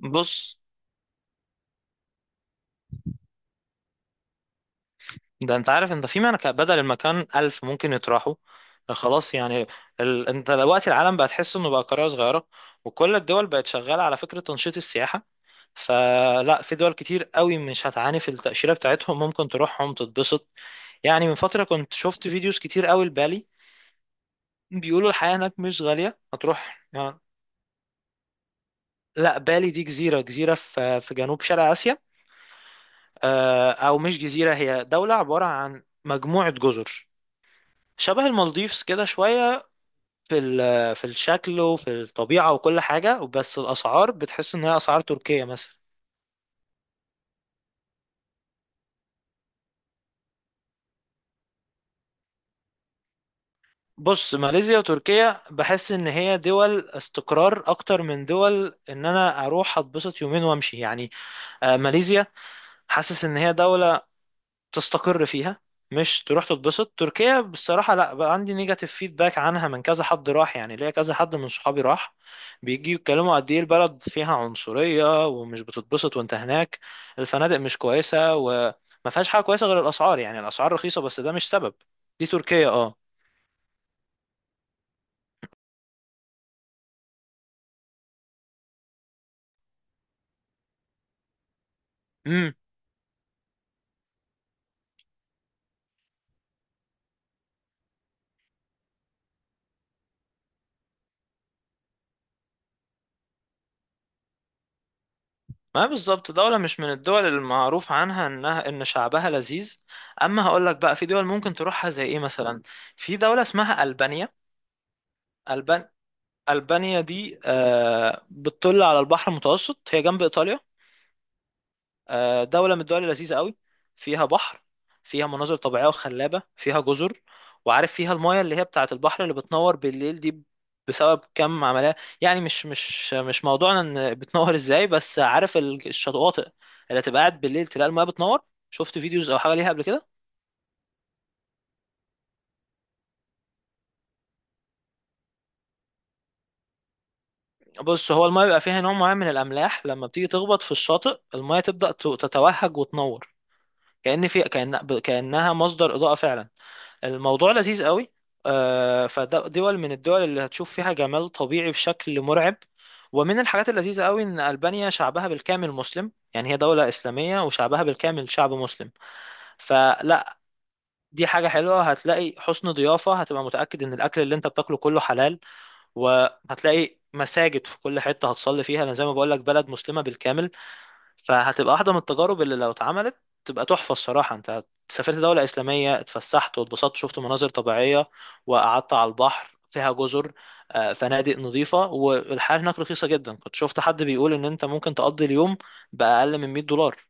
بص، ده انت عارف انت في مكان بدل المكان ألف ممكن يطرحوا خلاص يعني. انت دلوقتي العالم بقى تحس انه بقى قرية صغيرة، وكل الدول بقت شغالة على فكرة تنشيط السياحة. فلا، في دول كتير قوي مش هتعاني في التأشيرة بتاعتهم، ممكن تروحهم تتبسط. يعني من فترة كنت شفت فيديوز كتير قوي لبالي، بيقولوا الحياة هناك مش غالية هتروح يعني. لا، بالي دي جزيرة، جزيرة في جنوب شرق آسيا. أو مش جزيرة، هي دولة عبارة عن مجموعة جزر، شبه المالديفز كده شوية في الشكل وفي الطبيعة وكل حاجة، بس الأسعار بتحس إن هي أسعار تركيا مثلا. بص، ماليزيا وتركيا بحس إن هي دول استقرار، أكتر من دول إن أنا أروح أتبسط يومين وأمشي يعني. ماليزيا حاسس إن هي دولة تستقر فيها، مش تروح تتبسط. تركيا بصراحة لا، بقى عندي نيجاتيف فيدباك عنها، من كذا حد راح يعني، ليا كذا حد من صحابي راح بيجي يتكلموا قد ايه البلد فيها عنصرية ومش بتتبسط وانت هناك. الفنادق مش كويسة، وما فيهاش حاجة كويسة غير الأسعار، يعني الأسعار رخيصة بس ده مش سبب. دي تركيا، اه. امم ما بالظبط دولة مش من الدول المعروف عنها انها ان شعبها لذيذ. اما هقول لك بقى في دول ممكن تروحها زي ايه مثلا، في دولة اسمها ألبانيا. ألبانيا، ألبانيا دي بتطل على البحر المتوسط، هي جنب إيطاليا. دولة من الدول اللذيذة قوي، فيها بحر، فيها مناظر طبيعية وخلابة، فيها جزر. وعارف فيها المايه اللي هي بتاعة البحر اللي بتنور بالليل دي، بسبب كم عملية، يعني مش موضوعنا ان بتنور ازاي، بس عارف الشواطئ اللي تبقى قاعد بالليل تلاقي المايه بتنور؟ شفت فيديوز او حاجة ليها قبل كده؟ بص، هو المايه بيبقى فيها نوع معين من الأملاح، لما بتيجي تخبط في الشاطئ المايه تبدأ تتوهج وتنور. كأنها مصدر إضاءة فعلا. الموضوع لذيذ قوي. فده دول من الدول اللي هتشوف فيها جمال طبيعي بشكل مرعب. ومن الحاجات اللذيذة قوي إن ألبانيا شعبها بالكامل مسلم، يعني هي دولة إسلامية وشعبها بالكامل شعب مسلم. فلا، دي حاجة حلوة، هتلاقي حسن ضيافة، هتبقى متأكد إن الأكل اللي أنت بتاكله كله حلال، وهتلاقي مساجد في كل حتة هتصلي فيها. أنا زي ما بقولك، بلد مسلمة بالكامل. فهتبقى واحدة من التجارب اللي لو اتعملت تبقى تحفة. الصراحة انت سافرت دولة إسلامية، اتفسحت واتبسطت، شفت مناظر طبيعية، وقعدت على البحر، فيها جزر، فنادق نظيفة، والحياة هناك رخيصة جدا. كنت شفت حد بيقول ان انت ممكن تقضي اليوم بأقل من $100.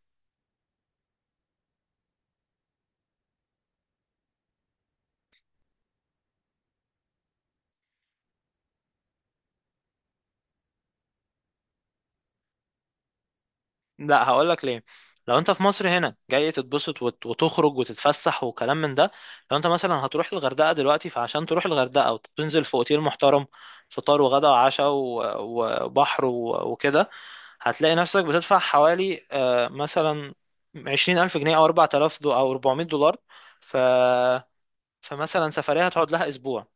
لا هقول لك ليه، لو انت في مصر هنا جاي تتبسط وتخرج وتتفسح وكلام من ده، لو انت مثلا هتروح الغردقة دلوقتي، فعشان تروح الغردقة وتنزل في اوتيل محترم، فطار وغدا وعشاء وبحر وكده، هتلاقي نفسك بتدفع حوالي مثلا 20000 جنيه، أو 4000 دو، أو $400. ف... فمثلا سفرية هتقعد لها أسبوع،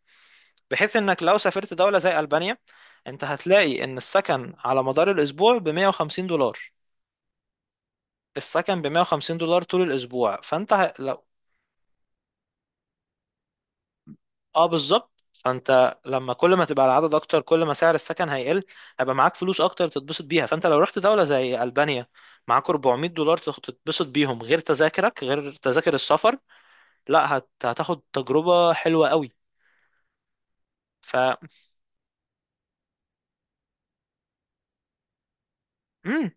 بحيث إنك لو سافرت دولة زي ألبانيا، أنت هتلاقي إن السكن على مدار الأسبوع بـ$150. السكن بـ$150 طول الأسبوع، فأنت ه... اه بالظبط. فانت لما كل ما تبقى العدد اكتر، كل ما سعر السكن هيقل، هيبقى معاك فلوس اكتر تتبسط بيها. فانت لو رحت دولة زي ألبانيا، معاك $400 تتبسط بيهم، غير تذاكرك، غير تذاكر السفر. لا هتاخد تجربة حلوة قوي. ف مم.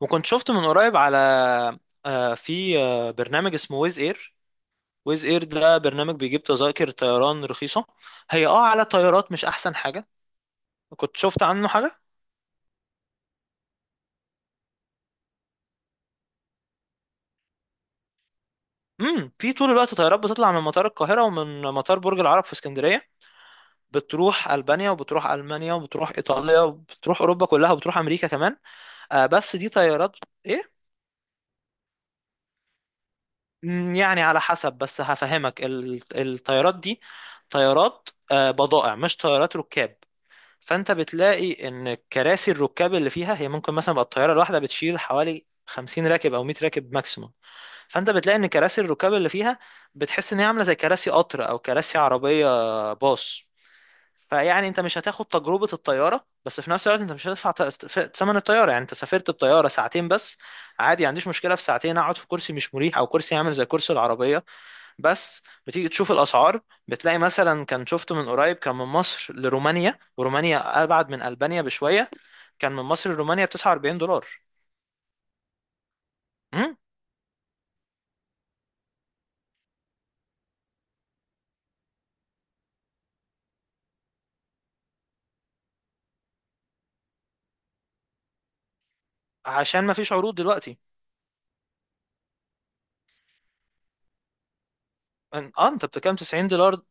وكنت شفت من قريب على في برنامج اسمه ويز اير. ويز اير ده برنامج بيجيب تذاكر طيران رخيصة، هي اه على طيارات مش احسن حاجة. كنت شفت عنه حاجة. في طول الوقت طيارات بتطلع من مطار القاهرة ومن مطار برج العرب في اسكندرية، بتروح ألبانيا، وبتروح ألمانيا، وبتروح إيطاليا، وبتروح أوروبا كلها، وبتروح أمريكا كمان. آه، بس دي طيارات، إيه؟ يعني على حسب، بس هفهمك الطيارات دي طيارات بضائع مش طيارات ركاب. فأنت بتلاقي إن كراسي الركاب اللي فيها، هي ممكن مثلا بقى الطيارة الواحدة بتشيل حوالي 50 راكب أو 100 راكب ماكسيموم. فانت بتلاقي ان كراسي الركاب اللي فيها، بتحس ان هي عامله زي كراسي قطر او كراسي عربيه، باص. فيعني انت مش هتاخد تجربه الطياره، بس في نفس الوقت انت مش هتدفع ثمن الطياره، يعني انت سافرت بطياره ساعتين بس، عادي، ما عنديش مشكله في ساعتين اقعد في كرسي مش مريح، او كرسي عامل زي كرسي العربيه بس. بتيجي تشوف الاسعار، بتلاقي مثلا، كان شفت من قريب، كان من مصر لرومانيا، ورومانيا ابعد من البانيا بشويه، كان من مصر لرومانيا ب $49. امم عشان ما فيش عروض دلوقتي. اه انت بتتكلم $90،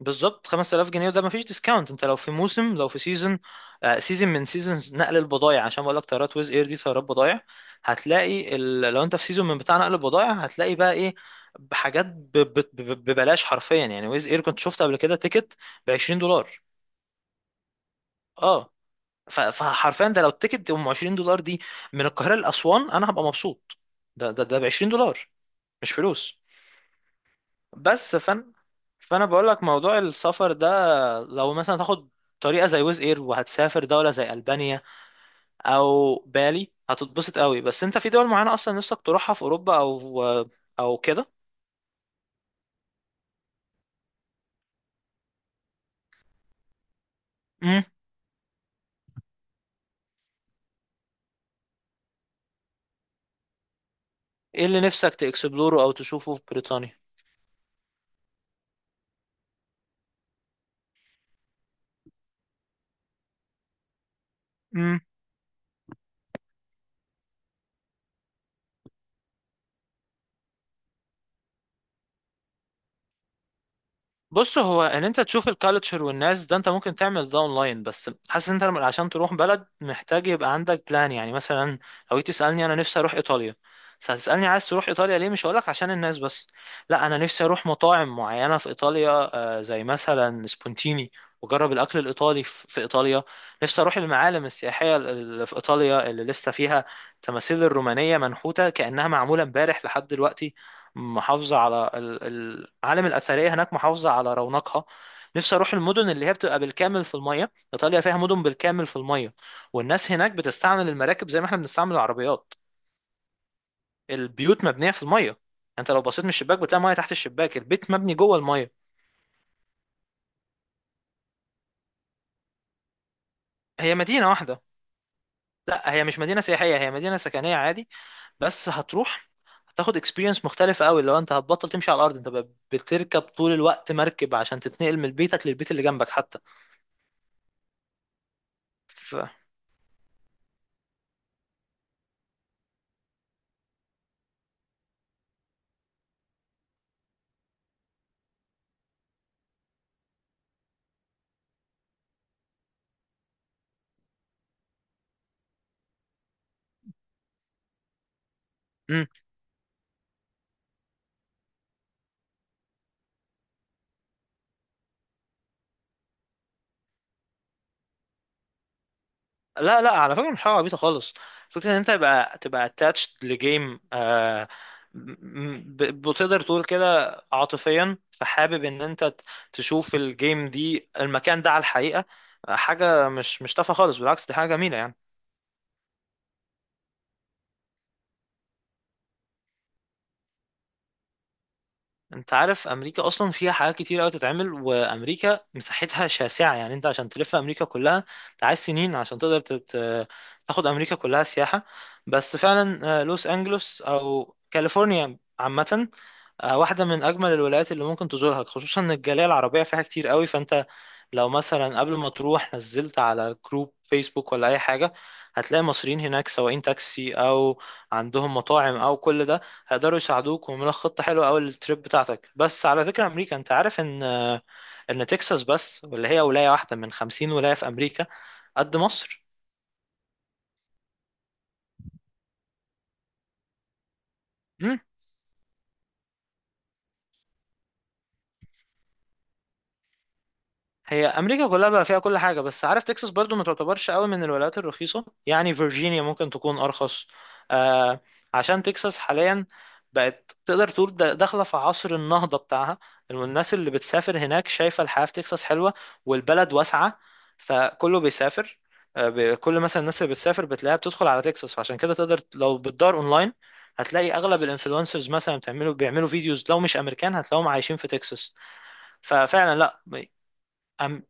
بالظبط 5000 جنيه، وده مفيش ديسكاونت، انت لو في موسم، لو في سيزون، آه، سيزون من سيزونز نقل البضائع، عشان بقول لك طيارات ويز اير دي طيارات بضائع. هتلاقي لو انت في سيزون من بتاع نقل البضائع، هتلاقي بقى ايه؟ بحاجات ببلاش حرفيا. يعني ويز اير كنت شفت قبل كده تيكت ب $20، اه. فحرفيا ده لو التيكت ام $20 دي من القاهرة لأسوان انا هبقى مبسوط. ده ب $20، مش فلوس. بس فانا بقول لك موضوع السفر ده، لو مثلا تاخد طريقه زي ويز اير وهتسافر دوله زي البانيا او بالي هتتبسط قوي، بس انت في دول معينه اصلا نفسك تروحها في اوروبا، او او كده. امم ايه اللي نفسك تاكسبلوره او تشوفه في بريطانيا؟ بص، هو ان انت تشوف الكالتشر والناس ده، انت ممكن تعمل ده اونلاين، بس حاسس ان انت عشان تروح بلد محتاج يبقى عندك بلان، يعني مثلا لو جيت تسالني انا نفسي اروح ايطاليا، بس هتسالني عايز تروح ايطاليا ليه، مش هقولك عشان الناس بس، لا، انا نفسي اروح مطاعم معينه في ايطاليا، زي مثلا سبونتيني، واجرب الاكل الايطالي في ايطاليا. نفسي اروح المعالم السياحيه اللي في ايطاليا، اللي لسه فيها تماثيل الرومانيه منحوته كانها معموله امبارح لحد دلوقتي، محافظة على العالم الأثرية هناك محافظة على رونقها. نفسي أروح المدن اللي هي بتبقى بالكامل في المية، إيطاليا فيها مدن بالكامل في المية، والناس هناك بتستعمل المراكب زي ما احنا بنستعمل العربيات. البيوت مبنية في المية، أنت لو بصيت من الشباك بتلاقي مية تحت الشباك، البيت مبني جوه المية. هي مدينة واحدة، لا، هي مش مدينة سياحية، هي مدينة سكنية عادي، بس هتروح هتاخد اكسبيرينس مختلفة قوي، لو انت هتبطل تمشي على الارض، انت بقى بتركب طول الوقت مركب عشان تتنقل من بيتك للبيت اللي جنبك حتى. ف... لا لا، على فكرة مش حاجة عبيطة خالص، فكرة ان انت تبقى attached لجيم، آه، بتقدر تقول كده عاطفيا، فحابب ان انت تشوف الجيم دي، المكان ده على الحقيقة، حاجة مش تافهة خالص، بالعكس دي حاجة جميلة يعني. انت عارف امريكا اصلا فيها حاجات كتير قوي تتعمل، وامريكا مساحتها شاسعة، يعني انت عشان تلف امريكا كلها انت عايز سنين عشان تقدر تاخد امريكا كلها سياحة. بس فعلا، لوس انجلوس او كاليفورنيا عامة، واحدة من أجمل الولايات اللي ممكن تزورها، خصوصا إن الجالية العربية فيها كتير قوي، فأنت لو مثلا قبل ما تروح نزلت على جروب فيسبوك ولا أي حاجة، هتلاقي مصريين هناك سواقين تاكسي، أو عندهم مطاعم، أو كل ده، هيقدروا يساعدوك ويعملوا لك خطة حلوة أوي للتريب بتاعتك. بس على ذكر أمريكا، أنت عارف إن إن تكساس بس، واللي هي ولاية واحدة من 50 ولاية في أمريكا، قد مصر. مم. هي امريكا كلها بقى فيها كل حاجه، بس عارف تكساس برضو ما تعتبرش قوي من الولايات الرخيصه، يعني فيرجينيا ممكن تكون ارخص، آه، عشان تكساس حاليا بقت تقدر تقول داخله في عصر النهضه بتاعها، الناس اللي بتسافر هناك شايفه الحياه في تكساس حلوه، والبلد واسعه، فكله بيسافر. كل مثلا الناس اللي بتسافر بتلاقيها بتدخل على تكساس، فعشان كده تقدر لو بتدور اونلاين هتلاقي اغلب الانفلونسرز مثلا بتعملوا بيعملوا فيديوز، لو مش امريكان هتلاقيهم عايشين في تكساس. ففعلا لا. أم-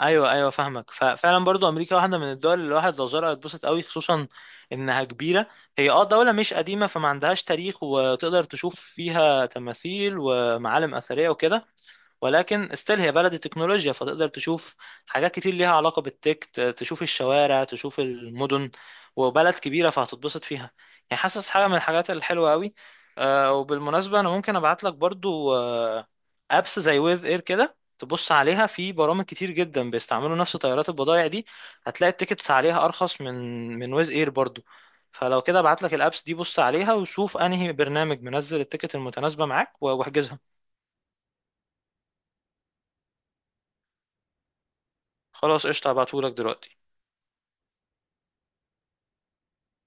ايوه ايوه فاهمك. ففعلا برضو امريكا واحده من الدول اللي الواحد لو زارها يتبسط قوي، خصوصا انها كبيره. هي اه دوله مش قديمه، فما عندهاش تاريخ وتقدر تشوف فيها تماثيل ومعالم اثريه وكده، ولكن استيل هي بلد التكنولوجيا، فتقدر تشوف حاجات كتير ليها علاقة بالتك، تشوف الشوارع، تشوف المدن، وبلد كبيرة فهتتبسط فيها، يعني حاسس حاجة من الحاجات الحلوة قوي. وبالمناسبة أنا ممكن أبعت لك برضو أبس زي ويف إير كده تبص عليها، في برامج كتير جدا بيستعملوا نفس طيارات البضائع دي، هتلاقي التيكتس عليها أرخص من من ويز إير برضو. فلو كده ابعت لك الأبس دي، بص عليها وشوف أنهي برنامج منزل التيكت المتناسبة معاك واحجزها. خلاص قشطة، هبعتهولك دلوقتي.